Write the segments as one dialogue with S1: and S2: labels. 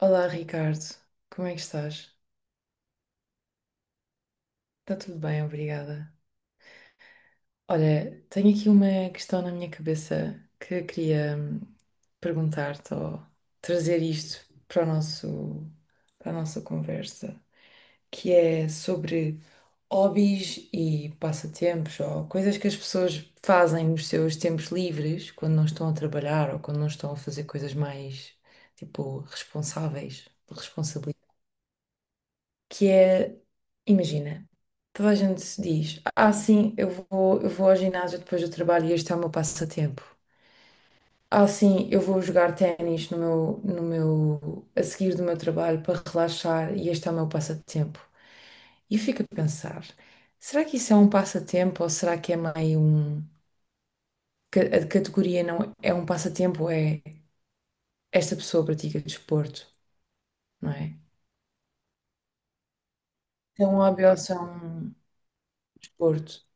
S1: Olá, Ricardo. Como é que estás? Está tudo bem, obrigada. Olha, tenho aqui uma questão na minha cabeça que eu queria perguntar-te ou trazer isto para a nossa conversa, que é sobre hobbies e passatempos ou coisas que as pessoas fazem nos seus tempos livres, quando não estão a trabalhar ou quando não estão a fazer coisas mais, tipo, responsáveis, que é, imagina, toda a gente se diz, ah sim, eu vou ao ginásio depois do trabalho e este é o meu passatempo. Ah sim, eu vou jogar ténis no meu, no meu, a seguir do meu trabalho para relaxar e este é o meu passatempo. E eu fico a pensar, será que isso é um passatempo ou será que é meio um, que a categoria não é um passatempo, é esta pessoa pratica desporto, não é? É um hobby ou se é um desporto?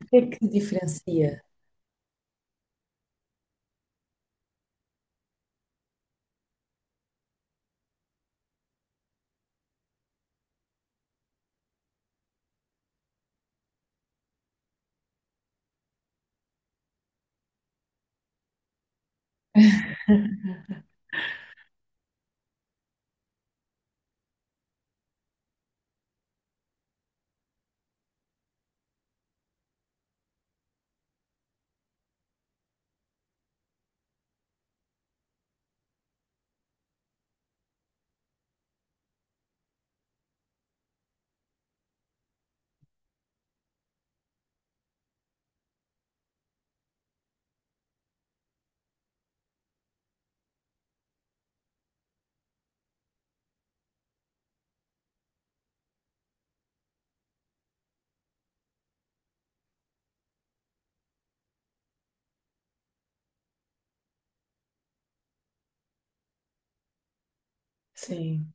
S1: O que é que diferencia? Sim.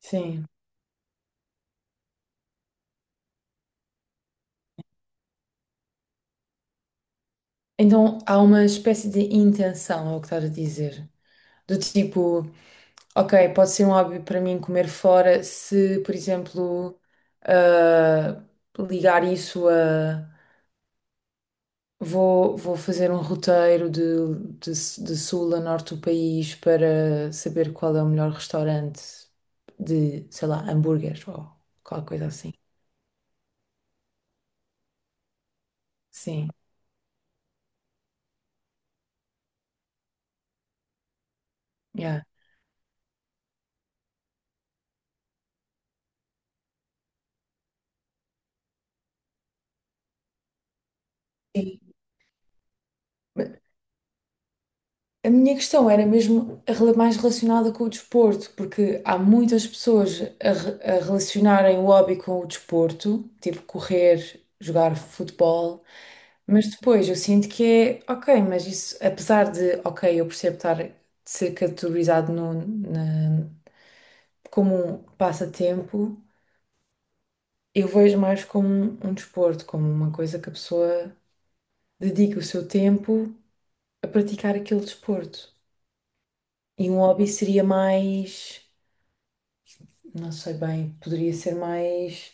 S1: Sim. Então há uma espécie de intenção, é o que estás a dizer. Do tipo, ok, pode ser um hobby para mim comer fora se, por exemplo, ah, ligar isso a. Vou fazer um roteiro de, de sul a norte do país para saber qual é o melhor restaurante de, sei lá, hambúrguer ou qualquer coisa assim. Sim, yeah. Sim. A minha questão era mesmo mais relacionada com o desporto, porque há muitas pessoas a relacionarem o hobby com o desporto, tipo correr, jogar futebol, mas depois eu sinto que é, ok, mas isso, apesar de, ok, eu percebo estar de ser categorizado no, na- como um passatempo, eu vejo mais como um desporto, como uma coisa que a pessoa dedica o seu tempo a praticar aquele desporto. E um hobby seria mais. Não sei bem, poderia ser mais,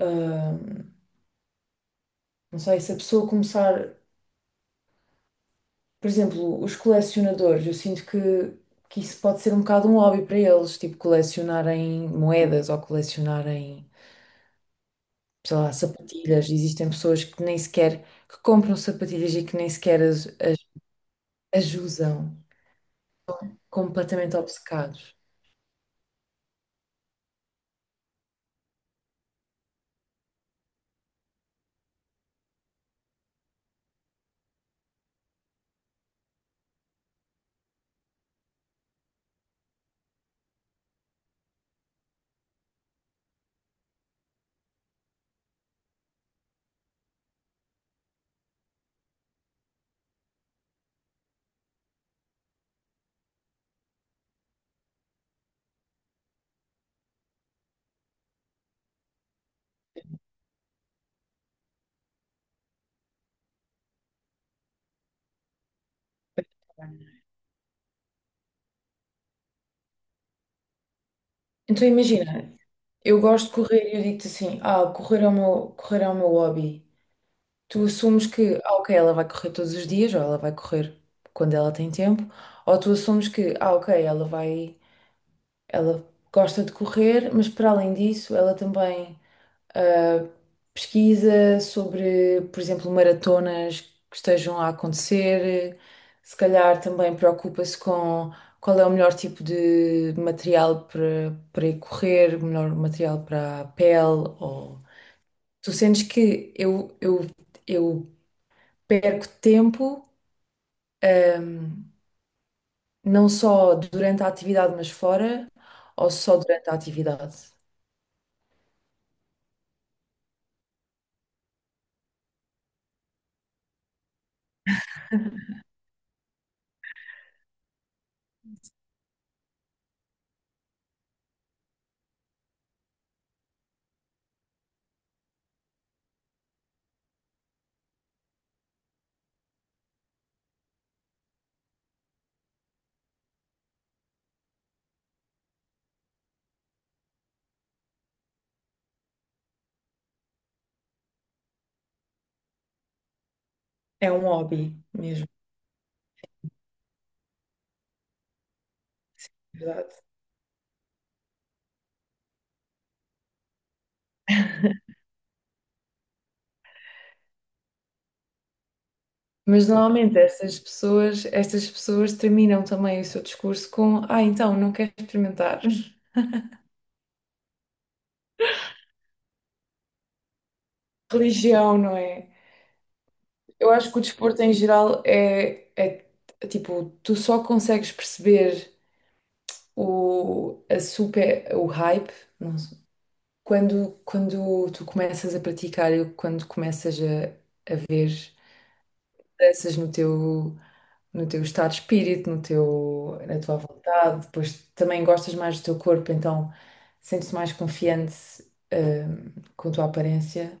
S1: ah, não sei, se a pessoa começar, por exemplo, os colecionadores, eu sinto que isso pode ser um bocado um hobby para eles, tipo colecionarem moedas ou colecionarem, sei lá, sapatilhas. Existem pessoas que nem sequer, que compram sapatilhas e que nem sequer as usam, completamente obcecados. Então imagina, eu gosto de correr e eu digo-te assim, ah, correr é o meu hobby. Tu assumes que, ah, ok, ela vai correr todos os dias, ou ela vai correr quando ela tem tempo, ou tu assumes que, ah, ok, ela gosta de correr, mas para além disso, ela também ah, pesquisa sobre, por exemplo, maratonas que estejam a acontecer, se calhar também preocupa-se com qual é o melhor tipo de material para ir correr, o melhor material para a pele, ou tu sentes que eu perco tempo, ahm, não só durante a atividade, mas fora, ou só durante a atividade. É um hobby mesmo, na verdade. Mas normalmente estas pessoas terminam também o seu discurso com, ah, então, não quero experimentar. Religião, não é? Eu acho que o desporto em geral é tipo, tu só consegues perceber o hype, não? Quando tu começas a praticar e quando começas a ver mudanças no teu, estado de espírito, no teu, na tua vontade, depois também gostas mais do teu corpo, então sentes-te mais confiante, hum, com a tua aparência,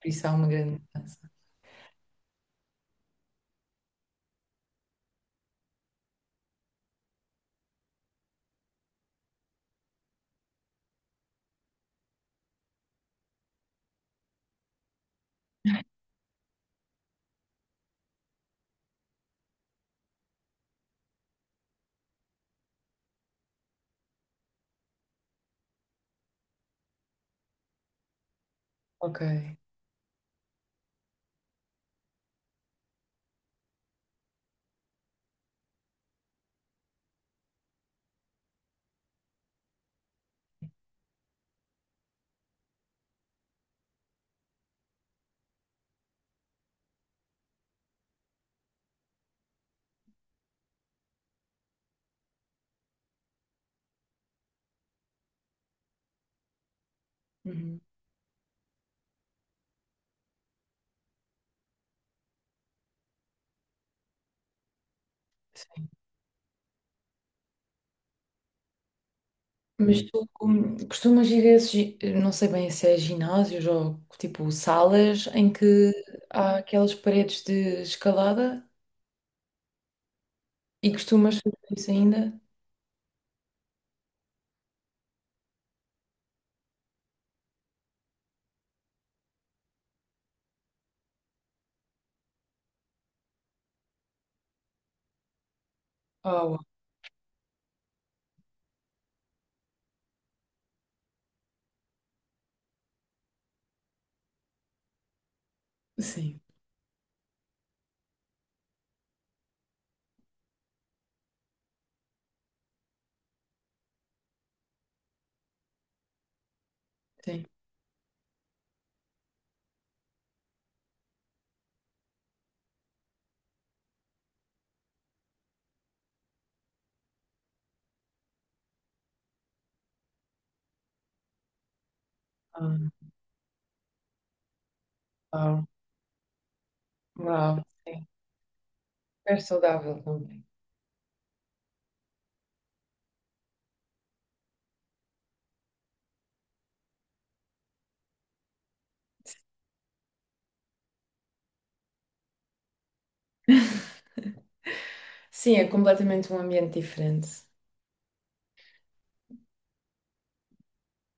S1: por isso há uma grande mudança. Ok. Uhum. Mas tu costumas ir a esses, gi- não sei bem se é ginásios ou tipo salas em que há aquelas paredes de escalada? E costumas fazer isso ainda? Oh, sim, sim. Ah, uau, uau, sim. É saudável também. Sim, é completamente um ambiente diferente.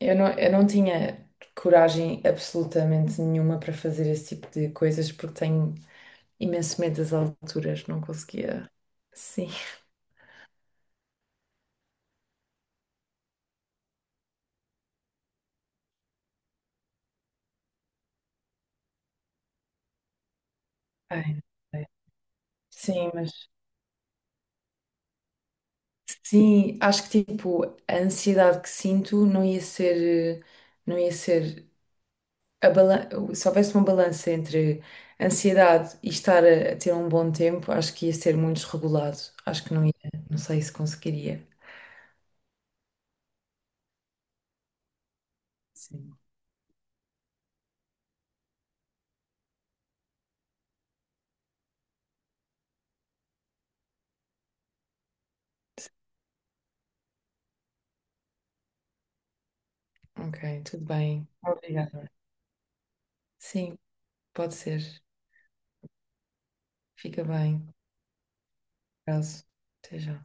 S1: Eu não tinha coragem absolutamente nenhuma para fazer esse tipo de coisas porque tenho imenso medo das alturas, não conseguia. Sim, ai, não sei. Sim, mas sim, acho que tipo a ansiedade que sinto não ia ser, não ia ser se houvesse uma balança entre ansiedade e estar a ter um bom tempo, acho que ia ser muito desregulado. Acho que não ia, não sei se conseguiria. Sim. Ok, tudo bem. Obrigada. Sim, pode ser. Fica bem. Caso. Até já.